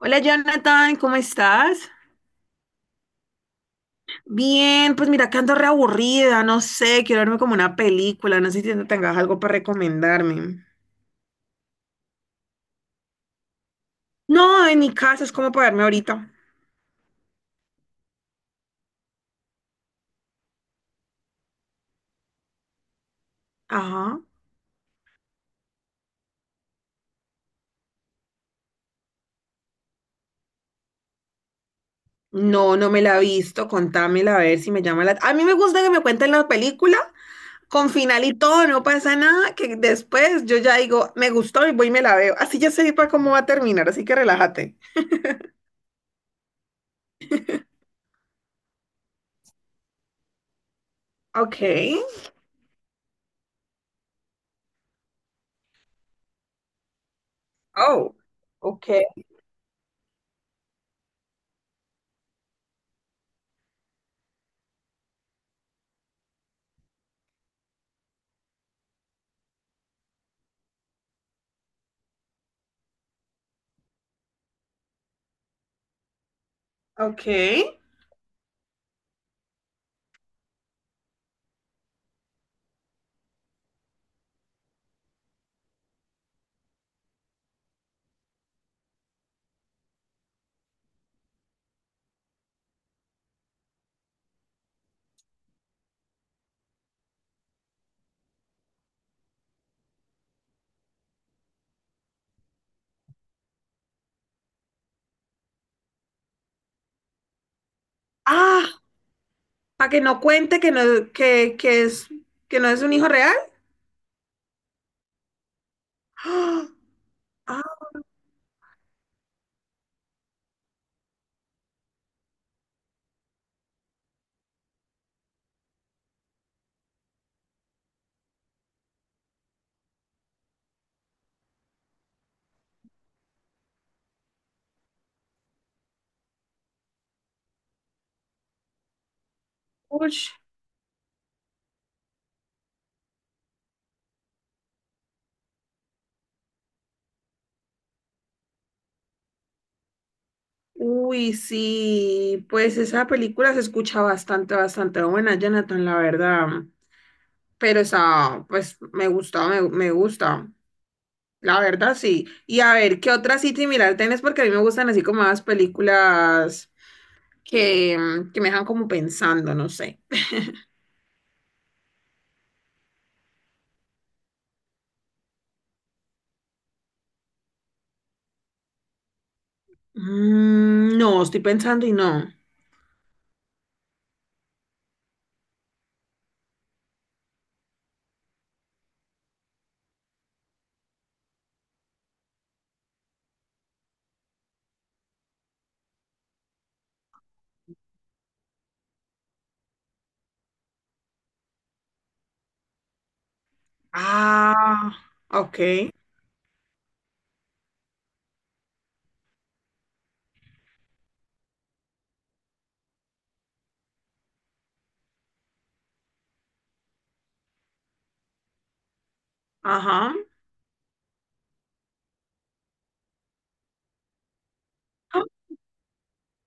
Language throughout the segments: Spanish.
Hola Jonathan, ¿cómo estás? Bien, pues mira que ando reaburrida, no sé, quiero verme como una película, no sé si tengas algo para recomendarme. No, en mi casa es como para verme ahorita. Ajá. No, no me la he visto, contámela a ver si me llama la... A mí me gusta que me cuenten la película con final y todo, no pasa nada, que después yo ya digo, me gustó y voy y me la veo. Así ya sé para cómo va a terminar, así que relájate. Ok. Oh, ok, ok. Ah, para que no cuente que no, que es, que no es un hijo real. ¡Ah! ¡Auch! Uy, sí, pues esa película se escucha bastante, bastante buena, Jonathan, la verdad. Pero esa, pues me gusta, me gusta. La verdad, sí. Y a ver, ¿qué otra así similar tenés? Porque a mí me gustan así como más películas que, que me dejan como pensando, no sé. Mm, no, estoy pensando y no. Ah, ok. Ajá.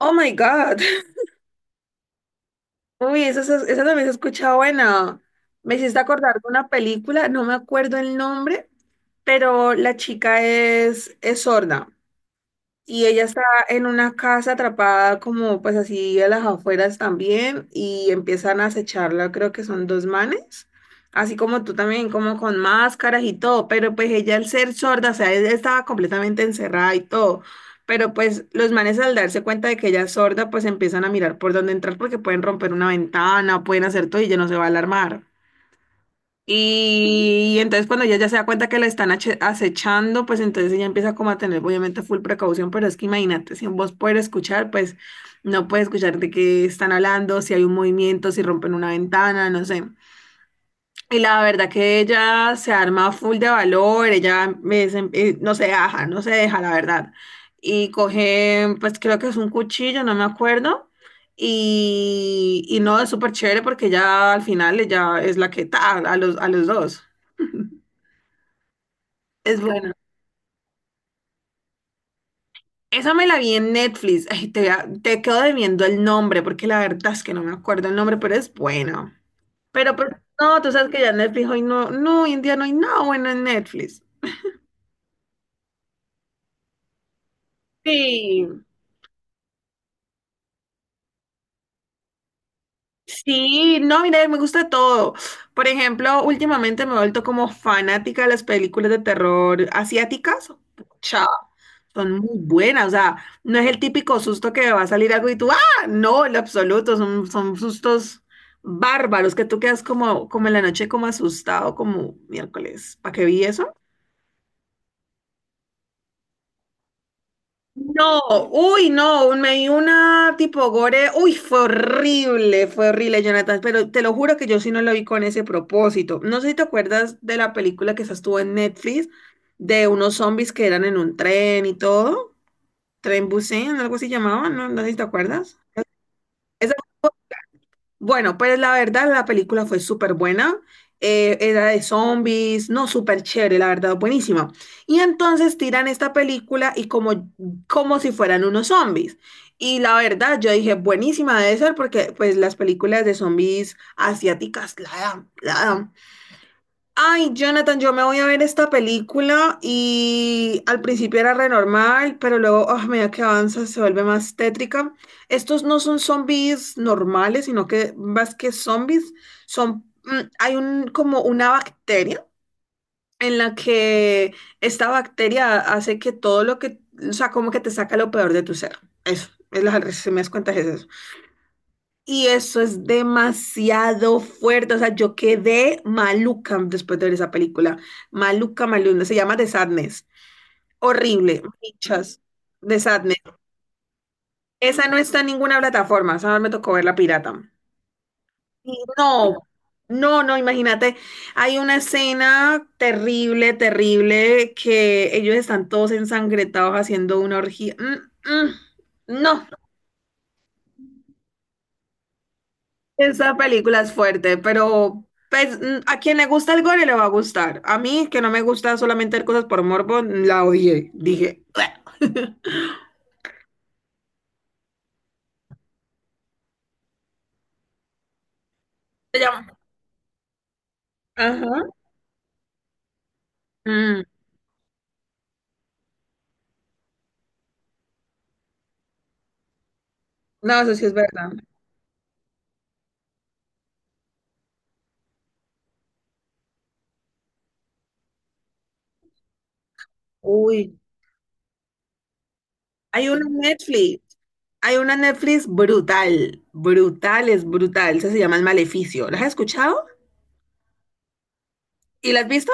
Oh my God. Uy, esa también se escucha buena. Me hiciste acordar de una película, no me acuerdo el nombre, pero la chica es sorda. Y ella está en una casa atrapada como pues así a las afueras también y empiezan a acecharla, creo que son dos manes, así como tú también, como con máscaras y todo, pero pues ella al ser sorda, o sea, ella estaba completamente encerrada y todo, pero pues los manes al darse cuenta de que ella es sorda, pues empiezan a mirar por dónde entrar porque pueden romper una ventana, pueden hacer todo y ella no se va a alarmar. Y entonces cuando ella ya se da cuenta que la están acechando, pues entonces ella empieza como a tener obviamente full precaución, pero es que imagínate, si vos puedes escuchar, pues no puedes escuchar de qué están hablando, si hay un movimiento, si rompen una ventana, no sé. Y la verdad que ella se arma full de valor, ella me dicen, no se deja, no se deja, la verdad. Y coge, pues creo que es un cuchillo, no me acuerdo. Y no, es súper chévere porque ya al final ella es la que ta a los dos. Es bueno. Esa me la vi en Netflix. Ay, te quedo debiendo el nombre porque la verdad es que no me acuerdo el nombre, pero es buena. Pero pues no, tú sabes que ya Netflix hoy hoy en día no hay nada bueno en Netflix. Sí. Sí, no, mira, me gusta todo. Por ejemplo, últimamente me he vuelto como fanática de las películas de terror asiáticas. Chao, son muy buenas. O sea, no es el típico susto que va a salir algo y tú, ah, no, en lo absoluto. Son, son sustos bárbaros que tú quedas como, como en la noche, como asustado, como miércoles. ¿Para qué vi eso? No, uy, no, me di una tipo gore, uy, fue horrible, Jonathan, pero te lo juro que yo sí no lo vi con ese propósito. No sé si te acuerdas de la película que esa estuvo en Netflix, de unos zombies que eran en un tren y todo, Tren Busan, algo así llamaban, ¿no? No sé si te acuerdas. Esa bueno, pues la verdad la película fue súper buena. Era de zombies, no, súper chévere, la verdad, buenísima. Y entonces tiran esta película y como si fueran unos zombies. Y la verdad, yo dije, buenísima debe ser porque pues las películas de zombies asiáticas la dan, la dan. Ay, Jonathan, yo me voy a ver esta película y al principio era re normal, pero luego, ah, a medida que avanza, se vuelve más tétrica. Estos no son zombies normales, sino que más que zombies, son, hay como una bacteria en la que esta bacteria hace que todo lo que, o sea, como que te saca lo peor de tu ser. Eso, es la, si me das cuenta, es eso. Y eso es demasiado fuerte. O sea, yo quedé maluca después de ver esa película. Maluca, maluca. Se llama The Sadness. Horrible. Muchas. The Sadness. Esa no está en ninguna plataforma. Esa me tocó ver la pirata. Y no, no, no, imagínate. Hay una escena terrible, terrible, que ellos están todos ensangrentados haciendo una orgía. Mm, mm, no. Esa película es fuerte, pero pues, a quien le gusta el gore le va a gustar. A mí, que no me gusta solamente ver cosas por morbo, la odié. Dije, "Bleh", se llama. Ajá. Mm, no, eso sí es verdad. Uy, hay una Netflix, hay una Netflix brutal, brutal, es brutal. Esa se llama El Maleficio. ¿La has escuchado? ¿Y la has visto?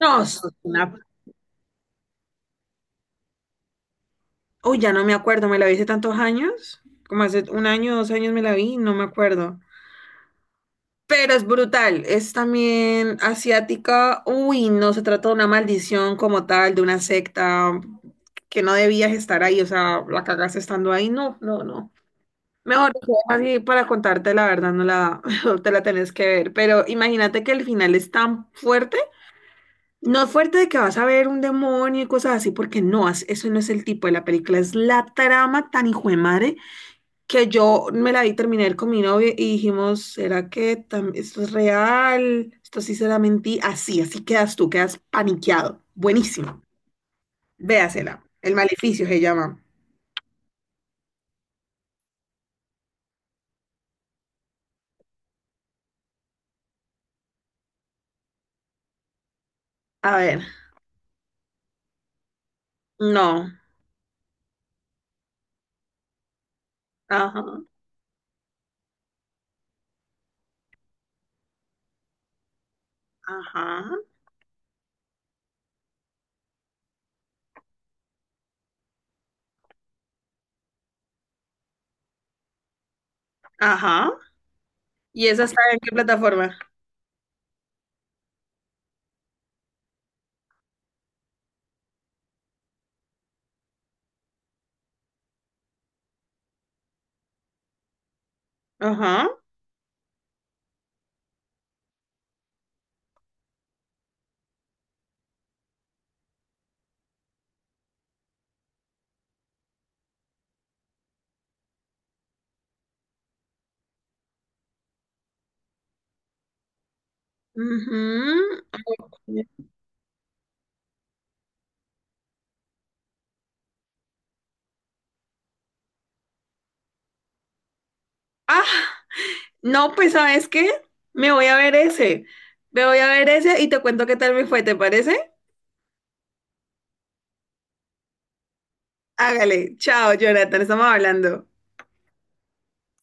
No, eso es una... Uy, ya no me acuerdo, me la vi hace tantos años, como hace un año, dos años me la vi, no me acuerdo. Pero es brutal, es también asiática. Uy, no se trata de una maldición como tal, de una secta, que no debías estar ahí, o sea, la cagaste estando ahí. No, no, no. Mejor lo dejo así para contarte la verdad, no la te la tenés que ver. Pero imagínate que el final es tan fuerte, no es fuerte de que vas a ver un demonio y cosas así, porque no, eso no es el tipo de la película, es la trama tan hijo de madre que yo me la vi, terminé de ver con mi novio y dijimos, ¿será que esto es real? ¿Esto sí será mentira? Así, así quedas tú, quedas paniqueado. Buenísimo. Véasela. El maleficio se llama. A ver, no. Ajá, ajá, ajá. ¿Y esa está en qué plataforma? Ajá. Ujú. Ah, no, pues ¿sabes qué? Me voy a ver ese. Me voy a ver ese y te cuento qué tal me fue, ¿te parece? Hágale. Chao, Jonathan, estamos hablando.